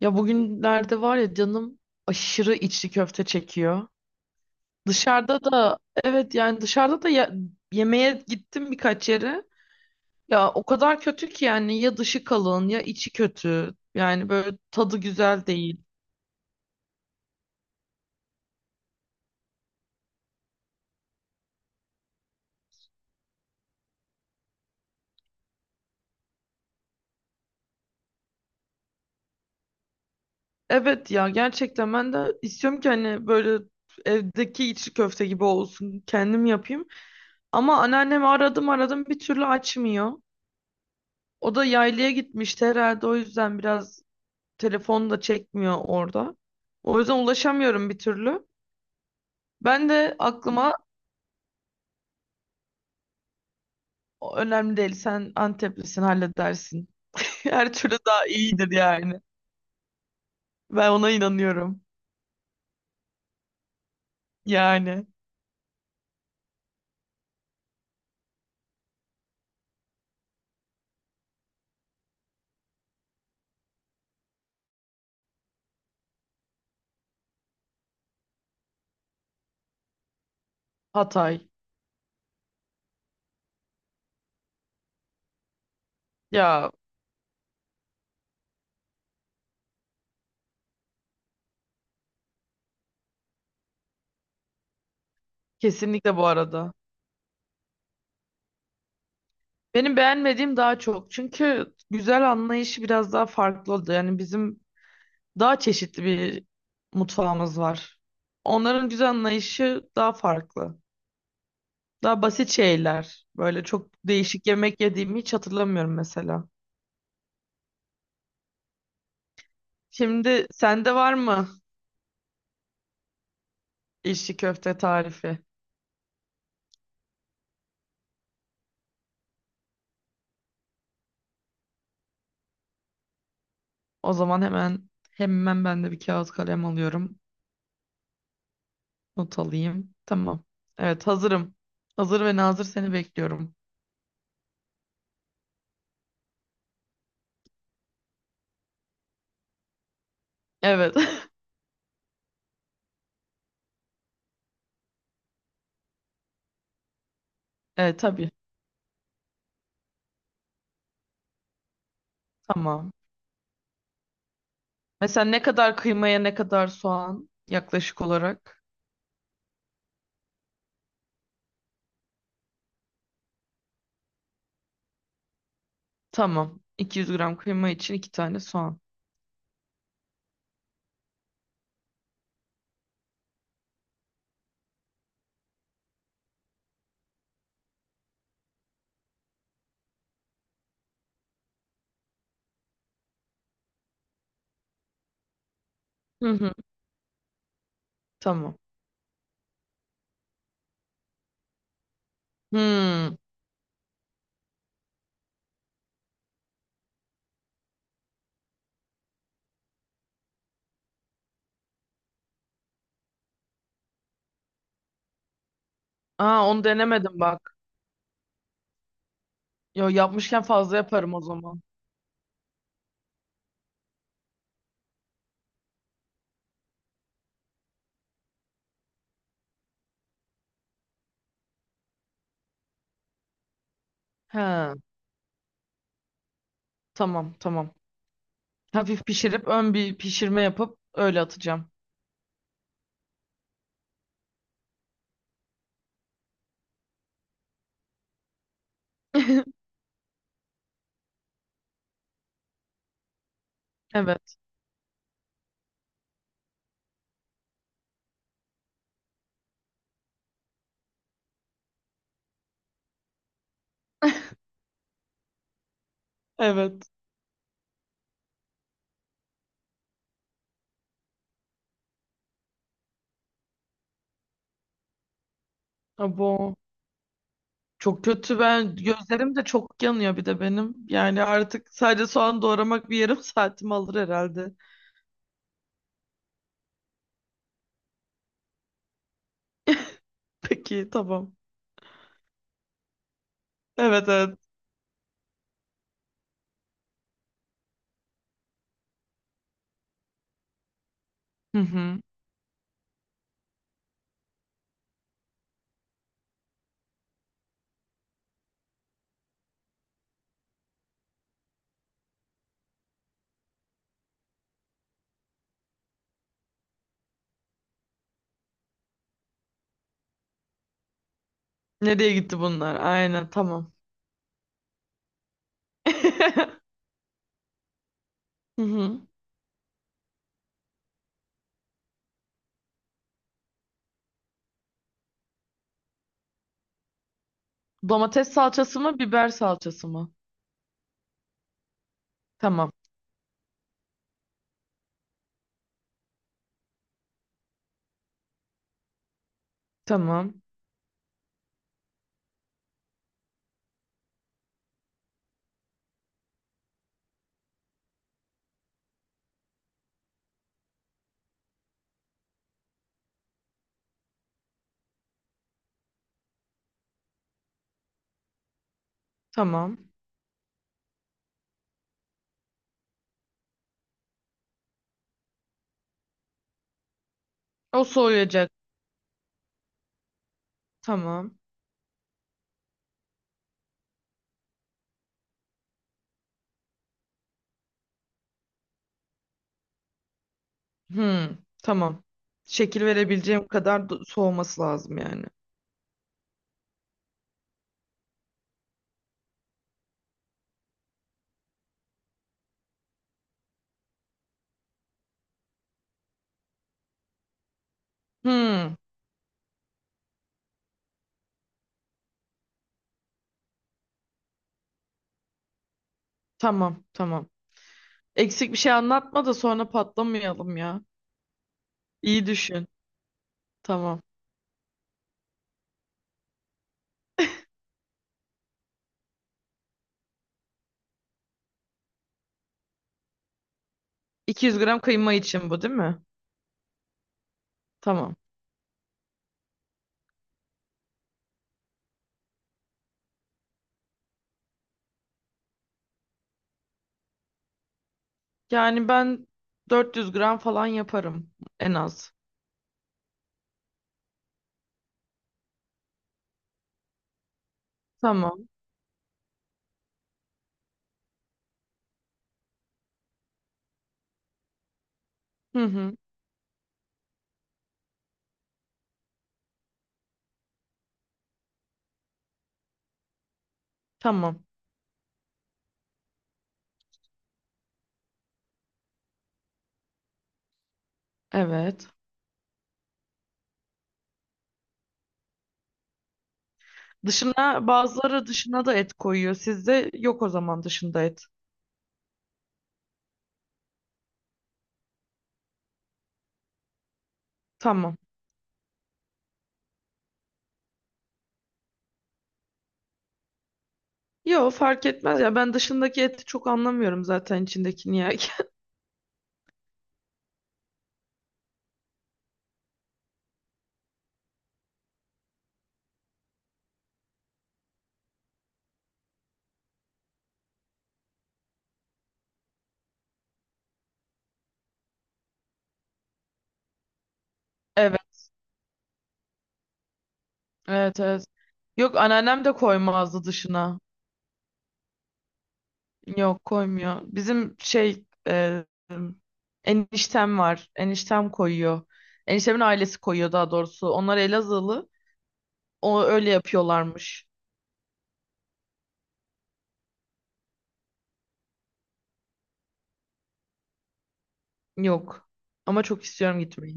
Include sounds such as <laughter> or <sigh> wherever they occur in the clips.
Ya bugünlerde var ya canım aşırı içli köfte çekiyor. Dışarıda da evet yani dışarıda da yemeğe gittim birkaç yere. Ya o kadar kötü ki yani ya dışı kalın ya içi kötü. Yani böyle tadı güzel değil. Evet ya gerçekten ben de istiyorum ki hani böyle evdeki içli köfte gibi olsun kendim yapayım. Ama anneannemi aradım aradım bir türlü açmıyor. O da yaylaya gitmişti herhalde o yüzden biraz telefon da çekmiyor orada. O yüzden ulaşamıyorum bir türlü. Ben de aklıma önemli değil, sen Anteplisin halledersin. <laughs> Her türlü daha iyidir yani. Ben ona inanıyorum. Yani Hatay. Ya kesinlikle bu arada. Benim beğenmediğim daha çok. Çünkü güzel anlayışı biraz daha farklı oldu. Yani bizim daha çeşitli bir mutfağımız var. Onların güzel anlayışı daha farklı. Daha basit şeyler. Böyle çok değişik yemek yediğimi hiç hatırlamıyorum mesela. Şimdi sende var mı içli köfte tarifi? O zaman hemen hemen ben de bir kağıt kalem alıyorum. Not alayım. Tamam. Evet hazırım. Hazır ve nazır seni bekliyorum. Evet. <laughs> Evet tabii. Tamam. Mesela ne kadar kıymaya ne kadar soğan yaklaşık olarak? Tamam. 200 gram kıyma için iki tane soğan. Hı hı. Tamam. Hmm. Aa onu denemedim bak. Yo yapmışken fazla yaparım o zaman. He, tamam tamam. Hafif pişirip ön bir pişirme yapıp öyle atacağım. <laughs> Evet. Evet. Abo. Çok kötü, ben gözlerim de çok yanıyor bir de benim. Yani artık sadece soğan doğramak bir yarım <laughs> saatimi alır herhalde. <laughs> Peki tamam. Evet evet. Hı hı. Nereye gitti bunlar? Aynen tamam. <laughs> Hı hı. Domates salçası mı biber salçası mı? Tamam. Tamam. Tamam. O soğuyacak. Tamam. Hmm, tamam. Şekil verebileceğim kadar soğuması lazım yani. Hmm, tamam, tamam. Eksik bir şey anlatma da sonra patlamayalım ya. İyi düşün. Tamam. 200 gram kıyma için bu değil mi? Tamam. Yani ben 400 gram falan yaparım en az. Tamam. Hı hı. Tamam. Evet. Dışına bazıları dışına da et koyuyor. Sizde yok o zaman dışında et. Tamam. Yo fark etmez ya, ben dışındaki eti çok anlamıyorum zaten içindekini ya. <laughs> Evet, evet, evet. Yok anneannem de koymazdı dışına. Yok koymuyor. Bizim şey eniştem var. Eniştem koyuyor. Eniştemin ailesi koyuyor daha doğrusu. Onlar Elazığlı. O öyle yapıyorlarmış. Yok. Ama çok istiyorum gitmeyi.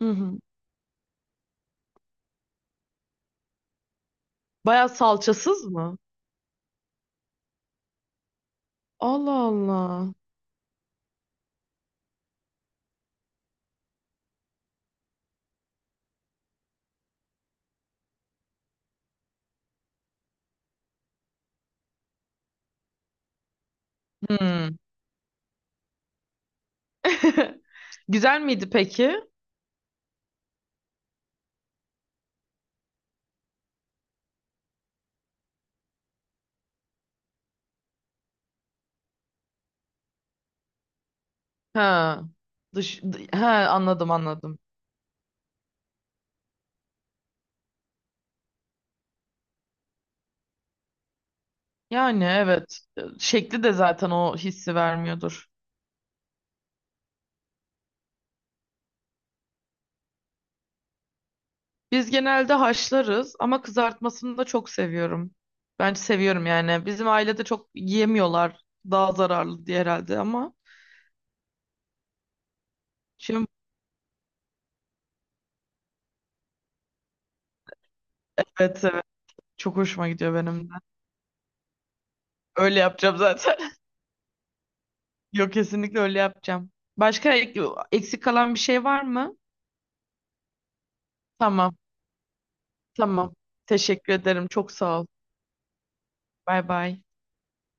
Hı hı. Baya salçasız mı? Allah Allah. Hmm. <laughs> Güzel miydi peki? Ha. Ha anladım anladım. Yani evet. Şekli de zaten o hissi vermiyordur. Biz genelde haşlarız ama kızartmasını da çok seviyorum. Ben seviyorum yani. Bizim ailede çok yiyemiyorlar. Daha zararlı diye herhalde ama. Şimdi evet evet. Çok hoşuma gidiyor benim de. Öyle yapacağım zaten. <laughs> Yok kesinlikle öyle yapacağım. Başka eksik kalan bir şey var mı? Tamam. Tamam. Teşekkür ederim. Çok sağ ol. Bay bay.